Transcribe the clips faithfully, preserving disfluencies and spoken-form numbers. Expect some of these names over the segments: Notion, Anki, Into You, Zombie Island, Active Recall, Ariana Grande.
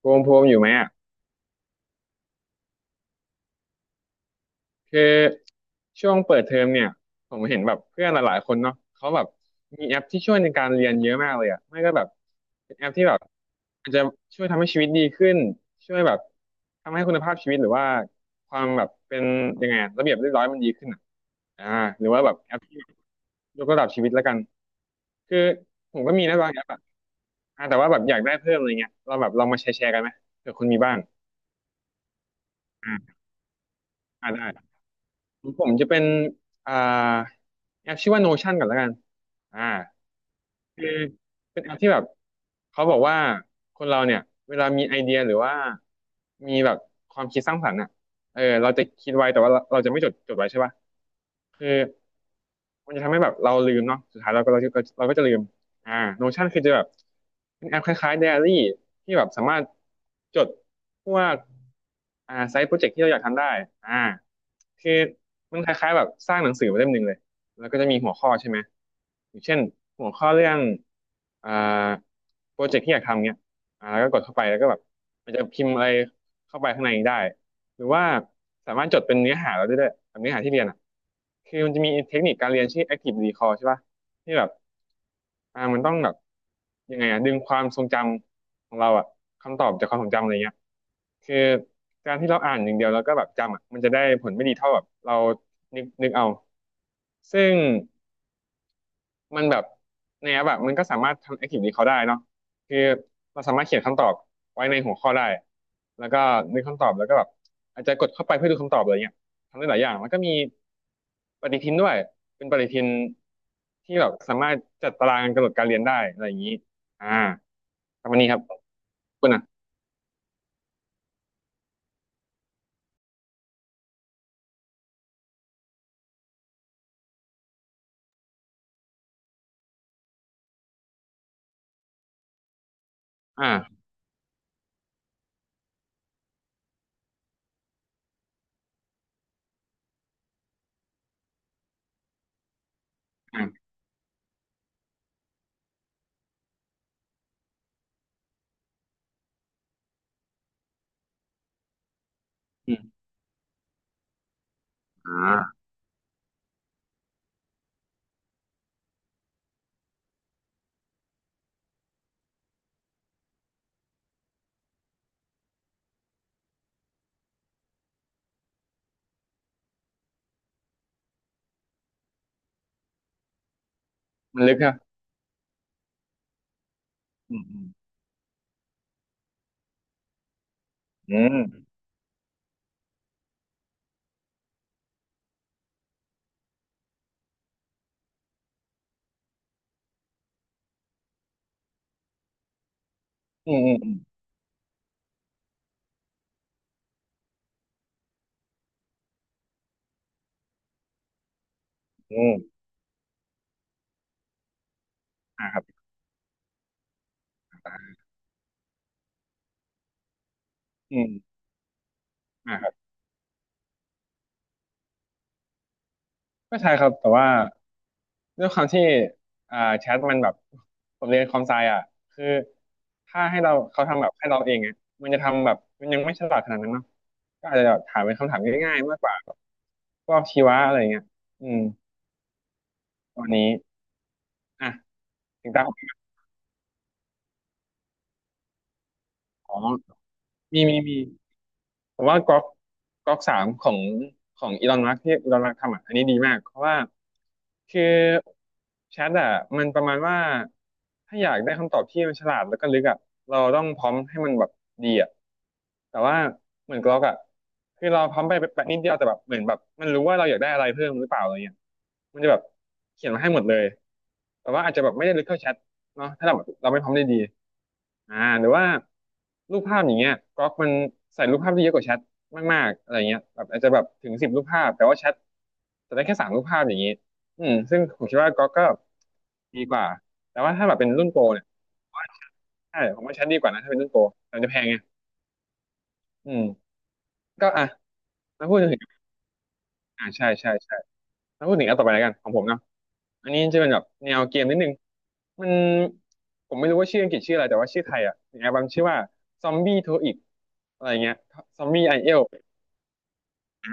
โพมโพมอยู่ไหมอ่ะคือช่วงเปิดเทอมเนี่ยผมเห็นแบบเพื่อนหลายๆคนเนาะเขาแบบมีแอปที่ช่วยในการเรียนเยอะมากเลยอ่ะไม่ก็แบบเป็นแอปที่แบบอาจจะช่วยทำให้ชีวิตดีขึ้นช่วยแบบทำให้คุณภาพชีวิตหรือว่าความแบบเป็นยังไงอะระเบียบเรียบร้อยมันดีขึ้นอ่ะอ่าหรือว่าแบบแอปที่ยกระดับชีวิตแล้วกันคือผมก็มีนะบางแอปอ่ะอ่าแต่ว่าแบบอยากได้เพิ่มอะไรเงี้ยเราแบบลองมาแชร์แชร์กันไหมเผื่อคุณมีบ้างอ่าอ่าได้ ผมจะเป็นอ่าแอปชื่อว่า Notion ก่อนแล้วกันอ่าคือเป็นแอปที่แบบเขาบอกว่าคนเราเนี่ยเวลามีไอเดียหรือว่ามีแบบความคิดสร้างสรรค์อ่ะเออเราจะคิดไว้แต่ว่าเราเราจะไม่จดจดไว้ใช่ป่ะคือ มันจะทำให้แบบเราลืมเนาะสุดท้ายเราก็เราก็เราก็จะลืมอ่า Notion คือจะแบบเป็นแอปคล้ายๆ Diary ที่แบบสามารถจดพวกอ่าไซต์โปรเจกต์ที่เราอยากทำได้อ่าคือมันคล้ายๆแบบสร้างหนังสือมาเล่มหนึ่งเลยแล้วก็จะมีหัวข้อใช่ไหมอย่างเช่นหัวข้อเรื่องอ่าโปรเจกต์ที่อยากทำเนี้ยอ่าแล้วก็กดเข้าไปแล้วก็แบบมันจะพิมพ์อะไรเข้าไปข้างในได้ หรือว่าสามารถจดเป็นเนื้อหาเราได้ด้วยแบบเนื้อหาที่เรียนอ่ะคือมันจะมีเทคนิคการเรียนชื่อ active recall ใช่ป่ะที่แบบอ่ามันต้องแบบยังไงอ่ะดึงความทรงจำของเราอ่ะคำตอบจากความทรงจำอะไรเงี้ยคือการที่เราอ่านอย่างเดียวแล้วก็แบบจำอ่ะมันจะได้ผลไม่ดีเท่าแบบเรานึกนึกเอาซึ่ง มันแบบในแอปแบบมันก็สามารถทำแอคทิวิี้เขาได้เนาะคือเราสามารถเขียนคำตอบไว้ในหัวข้อได้แล้วก็นึกคำตอบแล้วก็แบบอาจจะกดเข้าไปเพื่อดูคำตอบอะไรเงี้ยทำได้หลายอย่างแล้วก็มีปฏิทินด้วยเป็นปฏิทินที่แบบสามารถจัดตารางกำหนดการเรียนได้อะไรอย่างนี้อ่าประมาณนี้ครับคุณอ่ะอ่าอ่าอืมอ่ามันลึกครับอืมอืมอืมอืมอืมอืมอ่าครับอืมอ่า ไม่ใช่ครับ แต่ว่าด้วยความที่อ่าแชทมันแบบผมเรียนคอมไซอ่ะคือถ้าให้เราเขาทำแบบให้เราเองอ่ะมันจะทำแบบมันยังไม่ฉลาดขนาดนั้นเนาะก็อาจจะแบบถามเป็นคำถามง่ายๆมากกว่าพวกชีวะอะไรเงี้ยอืมตอนนี้อ่ะถึงตาของอ๋อมีมีมี ผมว่าก๊อกก๊อกสามของของอีลอนมัสก์ที่อีลอนมัสก์ทำอ่ะอันนี้ดีมากเพราะว่าคือแชทอ่ะมันประมาณว่าถ้าอยากได้คำตอบที่มันฉลาดแล้วก็ลึกอ่ะเราต้องพร้อมให้มันแบบดีอ่ะแต่ว่าเหมือนก๊อกอ่ะคือเราพร้อมไปแบบนิดเดียวแต่แบบเหมือนแบบมันรู้ว่าเราอยากได้อะไรเพิ่มหรือเปล่าอะไรเงี้ยมันจะแบบเขียนมาให้หมดเลยแต่ว่าอาจจะแบบไม่ได้ลึกเท่าแชท เนาะถ้าเราแบบเราไม่พร้อมได้ดีอ่าหรือว่ารูปภาพอย่างเงี้ยก๊อกมันใส่รูปภาพที่เยอะกว่าแชทมากๆอะไรเงี้ยแบบอาจจะแบบถึงสิบรูปภาพแต่ว่าแชทจะได้แค่สามรูปภาพอย่างงี้อืมซึ่งผมคิดว่าก๊อกก็ดีกว่าแต่ว่าถ้าแบบเป็นรุ่นโปรเนี่ยผมว่าใช่ผมว่าแชทดีกว่านะถ้าเป็นรุ่นโปรแต่มันจะแพงไงอืมก็อ่ะมาพูดถึง อ่าใช่ใช่ใช่แล้วพูดถึงอันต่อไปแล้วกันของผมเนาะอันนี้จะเป็นแบบแนวเกมนิดนึงมันผมไม่รู้ว่าชื่ออังกฤษชื่ออะไรแต่ว่าชื่อไทยอ่ะมีแอลบั้มชื่อว่าซอมบี้โทอิกอะไรเงี้ยซอมบี้ไอเอลอ่า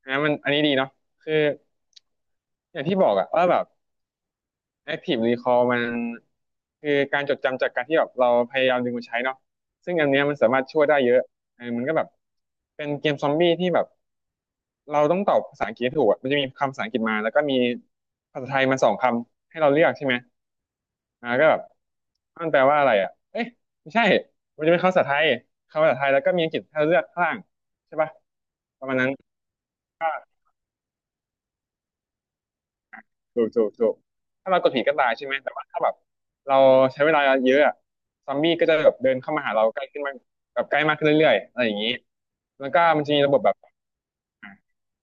อันนั้นมันอันนี้ดีเนาะคืออย่างที่บอกอะว่าแบบ Active Recall มันคือการจดจำจากการที่แบบเราพยายามดึงมาใช้เนาะซึ่งอันเนี้ยมันสามารถช่วยได้เยอะเออมันก็แบบเป็นเกมซอมบี้ที่แบบเราต้องตอบภาษาอังกฤษให้ถูกอะมันจะมีคำภาษาอังกฤษมาแล้วก็มีภาษาไทยมาสองคำให้เราเลือกใช่ไหมอ่าก็แบบมันแปลว่าอะไรอ่ะเอ๊ะไม่ใช่มันจะเป็นคำภาษาไทยคำภาษาไทยแล้วก็มีอังกฤษให้เราเลือกข้างล่างใช่ปะประมาณนั้น ถูกถูกถูกถ้าเรากดผิดก็ตายใช่ไหมแต่ว่าถ้าแบบเราใช้เวลาเยอะอะซอมบี้ก็จะแบบเดินเข้ามาหาเราใกล้ขึ้นมากแบบใกล้มากขึ้นเรื่อยๆอะไรอย่างนี้แล้วก็มันจะมีระบบแบบอ่า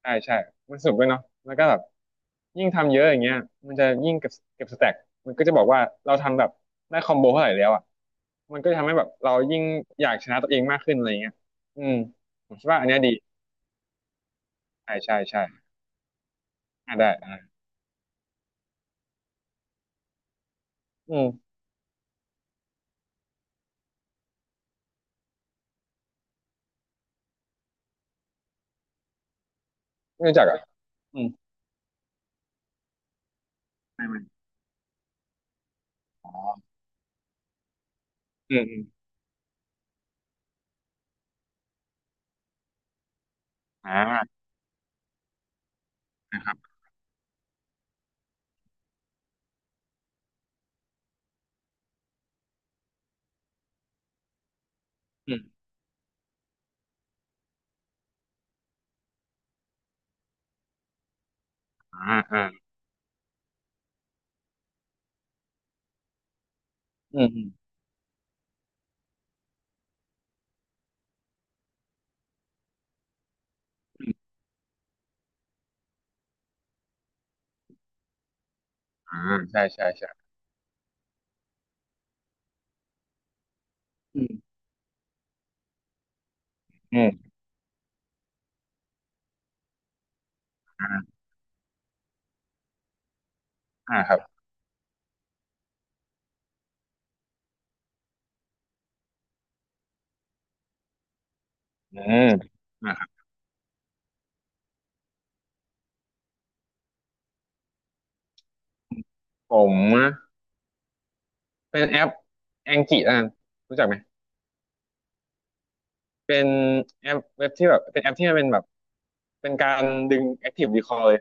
ใช่ใช่มันสนุกด้วยเนาะแล้วก็แบบยิ่งทำเยอะอย่างเงี้ยมันจะยิ่งเก็บเก็บสแต็กมันก็จะบอกว่าเราทำแบบได้คอมโบเท่าไหร่แล้วอ่ะมันก็จะทำให้แบบเรายิ่งอยากชนะตัวเองมากขึ้นอะไรอย่างเงี้ยอืมผมคิดว่าอันเนี้ยดีใช่ใช่ใช่อ่าได้อ่าอืมไม่รู้จักอ่ะอืมไม่ไม่อ๋ออืมอืม อ่านะครับอืมอ่าเอ่าอืมอืมอ่าใช่ใช่ใช่อืมอืมอ่าอ่าครับอืมนะครับผมนะเป็นแอปแองกิแล้วกันรู้จักไหม เป็นแอปเว็บที่แบบเป็นแอปที่มันเป็นแบบเป็นการดึง Active Recall เลย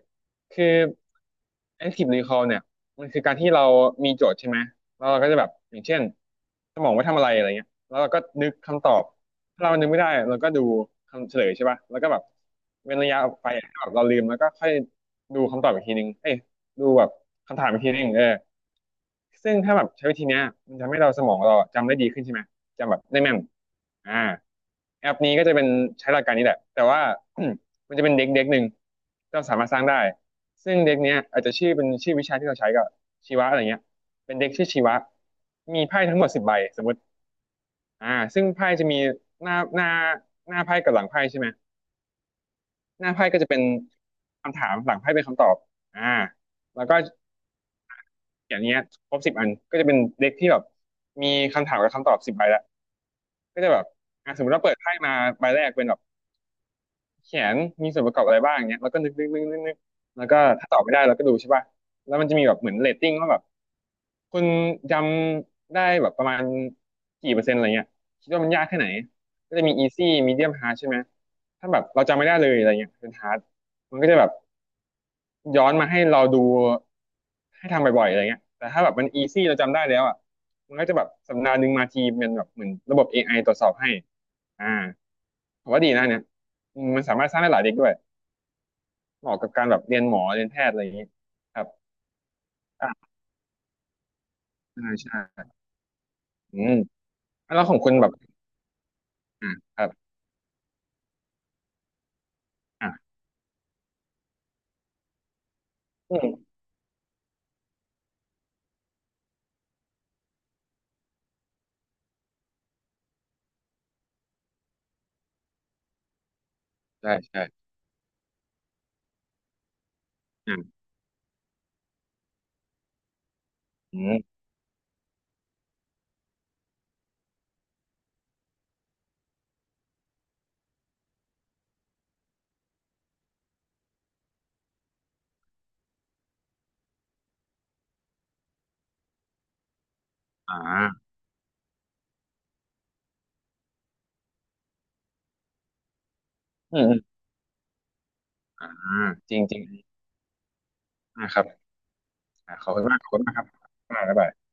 คือ Active Recall เนี่ยมันคือการที่เรามีโจทย์ใช่ไหมแล้วเราก็จะแบบอย่างเช่นสมองไว้ทำอะไรอะไรเงี้ยแล้วเราก็นึกคำตอบถ้าเรานึกไม่ได้เราก็ดูคำเฉลยใช่ป่ะแล้วก็แบบเว้นระยะออกไปให้แบบเราลืมแล้วก็ค่อยดูคำตอบอีกทีนึงเอ้ยดูแบบคำถามอีกทีนึงเออซึ่งถ้าแบบใช้วิธีเนี้ยมันทำให้เราสมองเราจำได้ดีขึ้นใช่ไหม จะแบบได้แม่นอ่าแอปนี้ก็จะเป็นใช้หลักการนี้แหละแต่ว่า มันจะเป็นเด็กเด็กหนึ่งที่เราสามารถสร้างได้ซึ่งเด็กเนี้ยอาจจะชื่อเป็นชื่อวิชาที่เราใช้ก็ชีวะอะไรเงี้ยเป็นเด็กชื่อชีวะมีไพ่ทั้งหมดสิบใบสมมติอ่าซึ่งไพ่จะมีหน้าหน้าหน้าไพ่กับหลังไพ่ใช่ไหมหน้าไพ่ก็จะเป็นคำถามหลังไพ่เป็นคำตอบอ่าแล้วก็อย่างเงี้ยครบสิบอันก็จะเป็นเด็กที่แบบมีคำถามกับคำตอบสิบใบละก็จะแบบอ่าสมมติเราเปิดไพ่มาใบแรกเป็นแบบ แขนมีส่วนประกอบอะไรบ้างเงี้ยแล้วก็นึกนึกนึกนึกนึกแล้วก็ถ้าตอบไม่ได้เราก็ดูใช่ป่ะแล้วมันจะมีแบบเหมือนเรตติ้งว่าแบบคุณจำได้แบบประมาณกี่เปอร์เซ็นต์อะไรเงี้ยคิดว่ามันยากแค่ไหนก็จะมี easy medium hard ใช่ไหมถ้าแบบเราจำไม่ได้เลยอะไรเงี้ยเป็น hard มันก็จะแบบย้อนมาให้เราดูให้ทำบ่อยๆอะไรเงี้ยแต่ถ้าแบบมัน easy เราจำได้แล้วอ่ะมันก็จะแบบสัปดาห์หนึ่งมาทีเป็นแบบเหมือนระบบ เอ ไอ ตรวจสอบให้อ่าผมว่าดีนะเนี่ยอืมมันสามารถสร้างได้หลายเด็กด้วย เหมาะกับการแบบเรียนหมอเรียนแพทย์อะไรอย่างนี้ครับอ่าใช่ใช่อืมแล้วของคุณแบบอ่าครับอ่าอืมใช่ใช่อ่าอืมอ่าอืมอมอ่าจริงจริงอ่าครับอ่าขอบคุณมากขอบคุณมากครับอ่าบ๊ายบาย